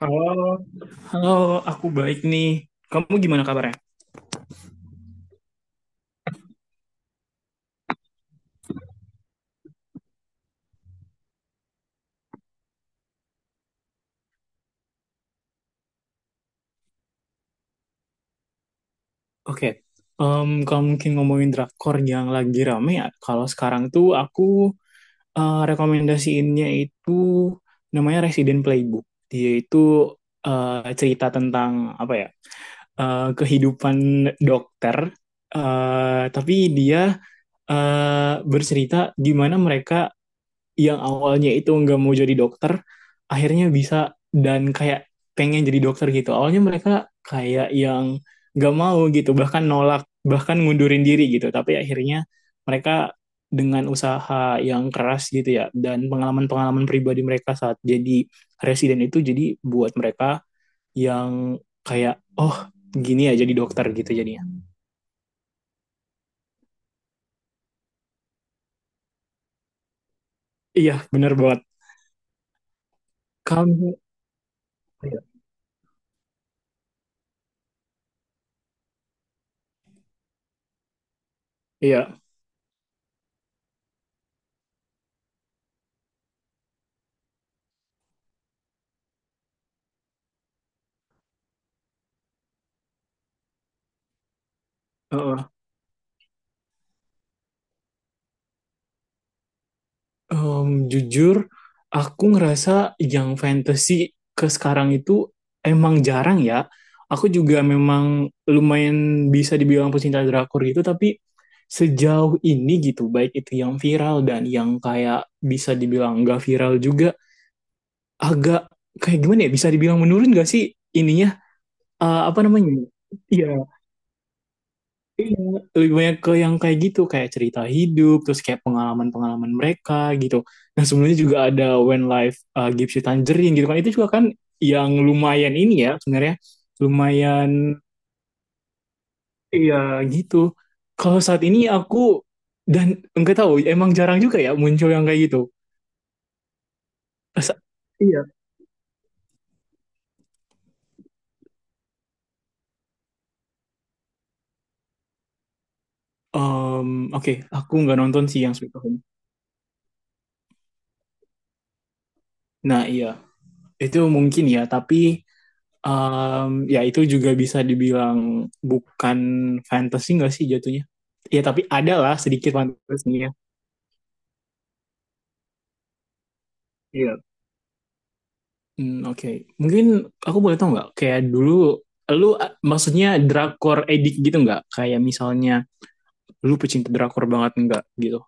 Halo, halo, aku baik nih. Kamu gimana kabarnya? Oke, kalau mungkin ngomongin drakor yang lagi rame ya, kalau sekarang tuh aku rekomendasiinnya itu namanya Resident Playbook. Dia itu cerita tentang apa ya, kehidupan dokter, tapi dia bercerita gimana mereka yang awalnya itu nggak mau jadi dokter akhirnya bisa dan kayak pengen jadi dokter gitu awalnya mereka kayak yang nggak mau gitu bahkan nolak bahkan ngundurin diri gitu tapi akhirnya mereka dengan usaha yang keras gitu ya dan pengalaman-pengalaman pribadi mereka saat jadi residen itu jadi buat mereka yang kayak oh gini ya jadi dokter gitu jadinya. Iya, benar banget. Kamu iya uh jujur, aku ngerasa yang fantasy ke sekarang itu emang jarang ya. Aku juga memang lumayan bisa dibilang pecinta drakor gitu, tapi sejauh ini gitu, baik itu yang viral dan yang kayak bisa dibilang nggak viral juga, agak kayak gimana ya, bisa dibilang menurun gak sih ininya. Apa namanya? Iya, lebih banyak ke yang kayak gitu, kayak cerita hidup terus kayak pengalaman-pengalaman mereka gitu. Nah, sebelumnya juga ada When Life Gives You Tangerine gitu kan, itu juga kan yang lumayan ini ya sebenarnya, lumayan iya gitu. Kalau saat ini aku dan enggak tahu emang jarang juga ya muncul yang kayak gitu. Sa- Iya. Em, oke, aku nggak nonton sih yang Sweet Home. Nah iya, itu mungkin ya tapi ya itu juga bisa dibilang bukan fantasi nggak sih jatuhnya? Ya tapi ada lah sedikit fantasinya. Iya. Hmm, oke. Mungkin aku boleh tahu nggak, kayak dulu lu maksudnya drakor edik gitu nggak? Kayak misalnya lu pecinta drakor banget nggak gitu?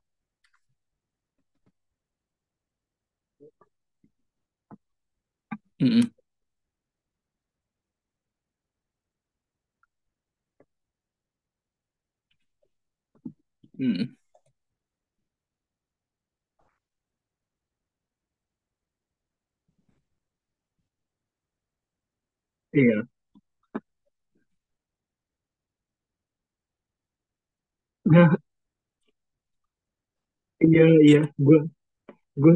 Mm-mm. Mm-mm. Iya. Iya, iya. Gue gue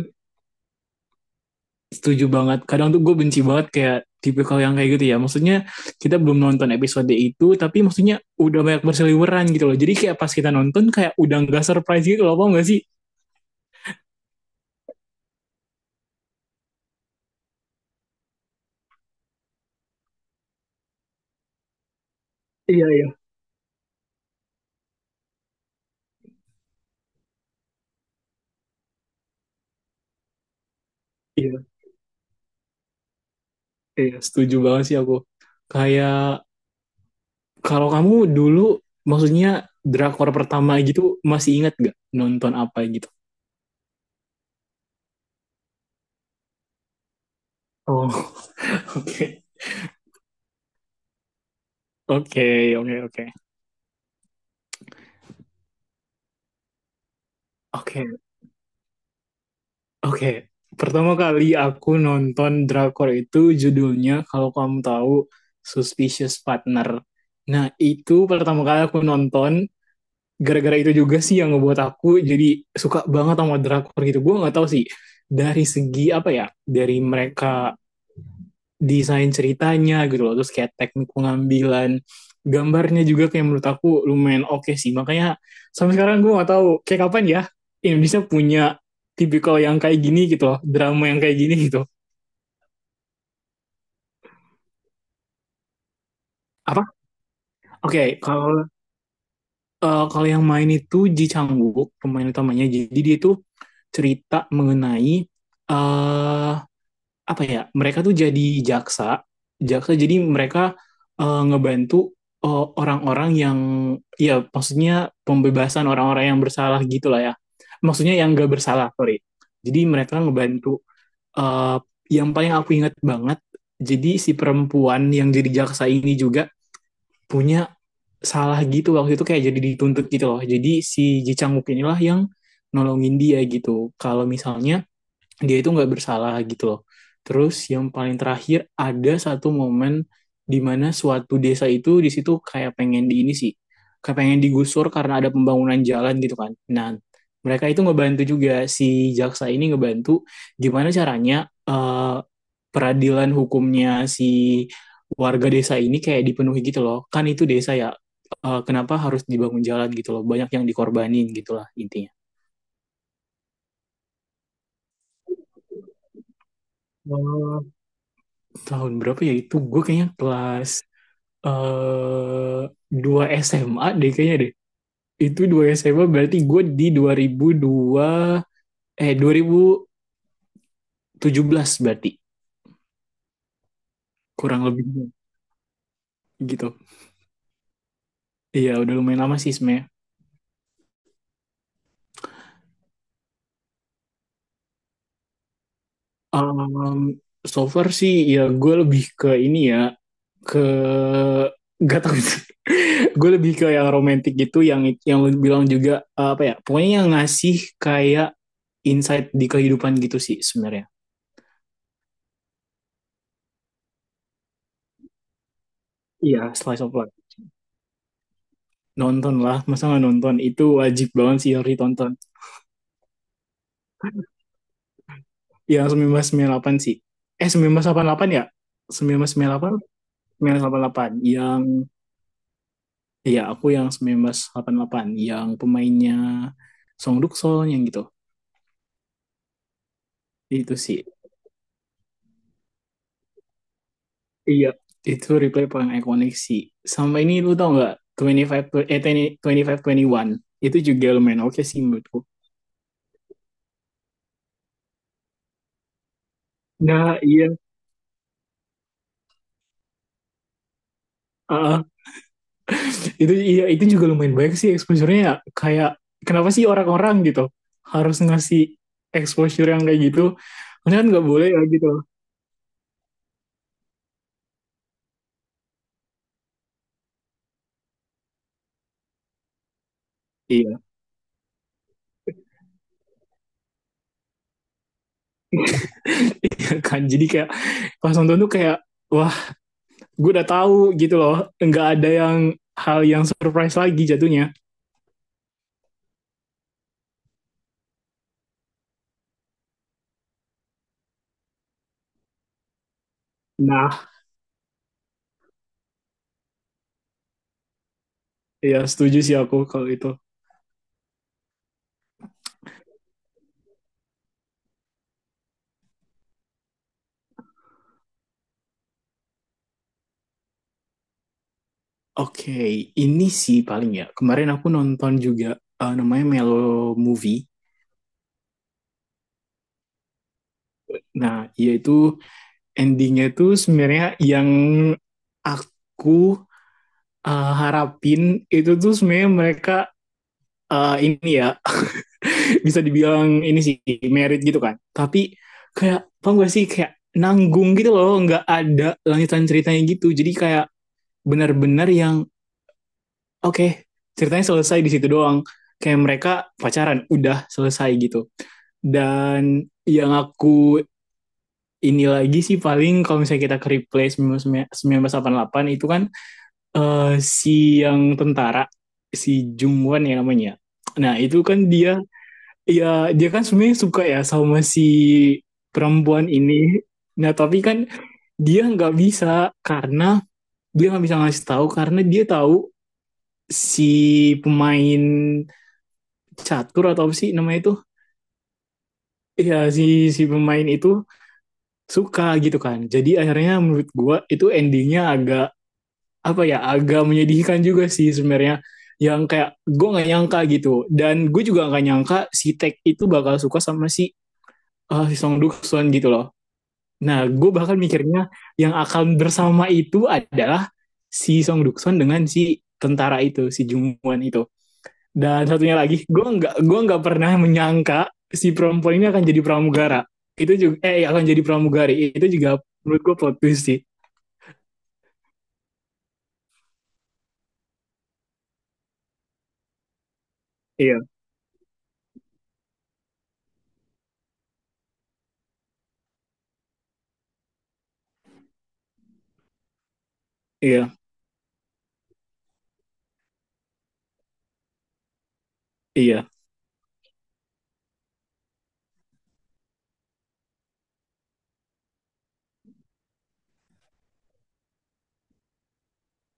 setuju banget. Kadang tuh gue benci banget kayak tipikal yang kayak gitu ya. Maksudnya kita belum nonton episode itu, tapi maksudnya udah banyak berseliweran gitu loh. Jadi kayak pas kita nonton kayak udah nggak surprise gitu loh, apa nggak sih? Iya, iya, iya, iya. Setuju banget sih aku. Kayak kalau kamu dulu, maksudnya drakor pertama gitu, masih ingat gak nonton apa gitu? Oh, oke, oke, oke, oke. Oke, oke, pertama kali aku nonton drakor itu judulnya, kalau kamu tahu, Suspicious Partner. Nah, itu pertama kali aku nonton. Gara-gara itu juga sih yang ngebuat aku jadi suka banget sama drakor gitu. Gue nggak tahu sih dari segi apa ya, dari mereka desain ceritanya gitu loh terus kayak teknik pengambilan gambarnya juga kayak menurut aku lumayan oke sih, makanya sampai sekarang gue gak tahu kayak kapan ya Indonesia punya tipikal yang kayak gini gitu loh, drama yang kayak gini gitu. Apa, oke okay, kalau yang main itu Ji Chang Wook pemain utamanya. Jadi dia itu cerita mengenai eh apa ya, mereka tuh jadi jaksa. Jaksa, jadi mereka ngebantu orang-orang yang, ya maksudnya pembebasan orang-orang yang bersalah gitulah ya, maksudnya yang gak bersalah, sorry. Jadi mereka ngebantu eh, yang paling aku ingat banget, jadi si perempuan yang jadi jaksa ini juga punya salah gitu waktu itu, kayak jadi dituntut gitu loh. Jadi si Ji Chang Wook inilah yang nolongin dia gitu kalau misalnya dia itu nggak bersalah gitu loh. Terus yang paling terakhir ada satu momen di mana suatu desa itu di situ kayak pengen di ini sih, kayak pengen digusur karena ada pembangunan jalan gitu kan. Nah, mereka itu ngebantu juga, si jaksa ini ngebantu gimana caranya eh, peradilan hukumnya si warga desa ini kayak dipenuhi gitu loh. Kan itu desa ya, kenapa harus dibangun jalan gitu loh? Banyak yang dikorbanin gitulah intinya. Tahun berapa ya itu, gue kayaknya kelas eh 2 SMA deh kayaknya deh. Itu 2 SMA berarti gue di 2017 berarti, kurang lebih gitu. Iya udah lumayan lama sih sebenarnya. Um, so far sih ya gue lebih ke ini ya, ke gak tau sih. Gue lebih ke yang romantis gitu, yang lu bilang juga, apa ya, pokoknya yang ngasih kayak insight di kehidupan gitu sih sebenarnya. Iya, slice of life. Nonton lah, masa nggak nonton? Itu wajib banget sih, harus ditonton. Yang delapan sih. 1988 ya? Sembilan sembilan ratus sembilan puluh delapan, 1988. Yang, iya aku yang 1988. Yang pemainnya Song Duk Dukson, yang gitu. Itu sih. Iya. Itu replay paling ikonik sih. Sama ini lu tau nggak? 25, 20 25, 21. Itu juga lumayan oke sih menurutku. Nah, iya. Ah, itu iya, itu juga lumayan banyak sih exposure-nya ya. Kayak kenapa sih orang-orang gitu harus ngasih exposure yang kayak gitu, karena kan nggak boleh ya gitu. Iya. Kan jadi kayak pas nonton tuh kayak wah, gue udah tahu gitu loh, nggak ada yang, hal yang surprise lagi jatuhnya. Nah ya, setuju sih aku kalau itu. Oke, ini sih paling ya kemarin aku nonton juga namanya Melo Movie. Nah yaitu endingnya tuh sebenarnya yang aku harapin itu tuh sebenarnya mereka ini ya bisa dibilang ini sih merit gitu kan, tapi kayak paham gak sih kayak nanggung gitu loh, nggak ada lanjutan ceritanya gitu. Jadi kayak benar-benar yang oke okay, ceritanya selesai di situ doang, kayak mereka pacaran udah selesai gitu. Dan yang aku ini lagi sih paling, kalau misalnya kita ke replay 1988, itu kan si yang tentara, si Jungwon ya namanya. Nah itu kan dia, ya dia kan sebenarnya suka ya sama si perempuan ini. Nah tapi kan dia nggak bisa karena dia nggak bisa ngasih tahu karena dia tahu si pemain catur atau apa sih namanya itu, ya si si pemain itu suka gitu kan. Jadi akhirnya menurut gue itu endingnya agak apa ya, agak menyedihkan juga sih sebenarnya, yang kayak gue nggak nyangka gitu. Dan gue juga nggak nyangka si Tech itu bakal suka sama si si Song duksun gitu loh. Nah gue bahkan mikirnya yang akan bersama itu adalah si Song duksun dengan si tentara itu, si Jungwon itu. Dan satunya lagi gue nggak pernah menyangka si perempuan ini akan jadi pramugara itu juga, iya, akan jadi pramugari itu juga. Menurut gue plot twist sih. Iya, iya, iya,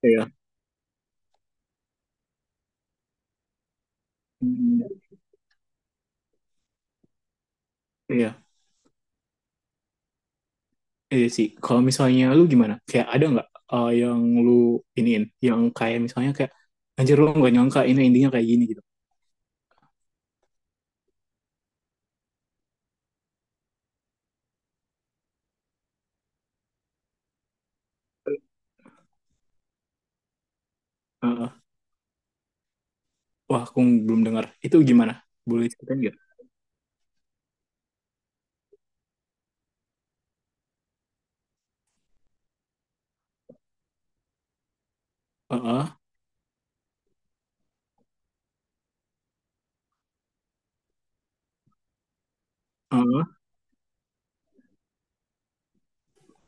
iya. Hmm, iya. Iya sih, kalau misalnya lu gimana? Kayak ada nggak yang lu iniin, yang kayak misalnya kayak anjir lu nggak nyangka ini endingnya kayak gini gitu. Heeh. Wah, aku belum dengar. Itu gimana? Boleh ceritain nggak? Heeh. Heeh.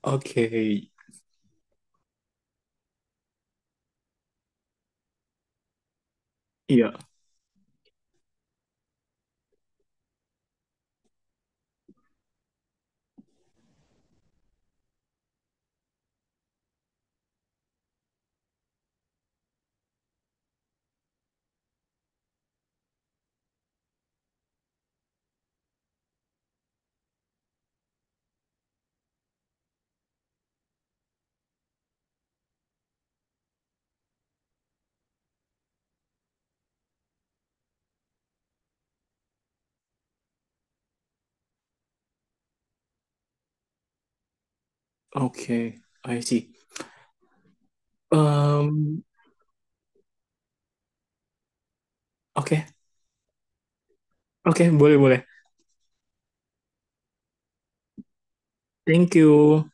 Oke. Iya. Oke. I see. Em, oke. Oke, boleh boleh. Thank you.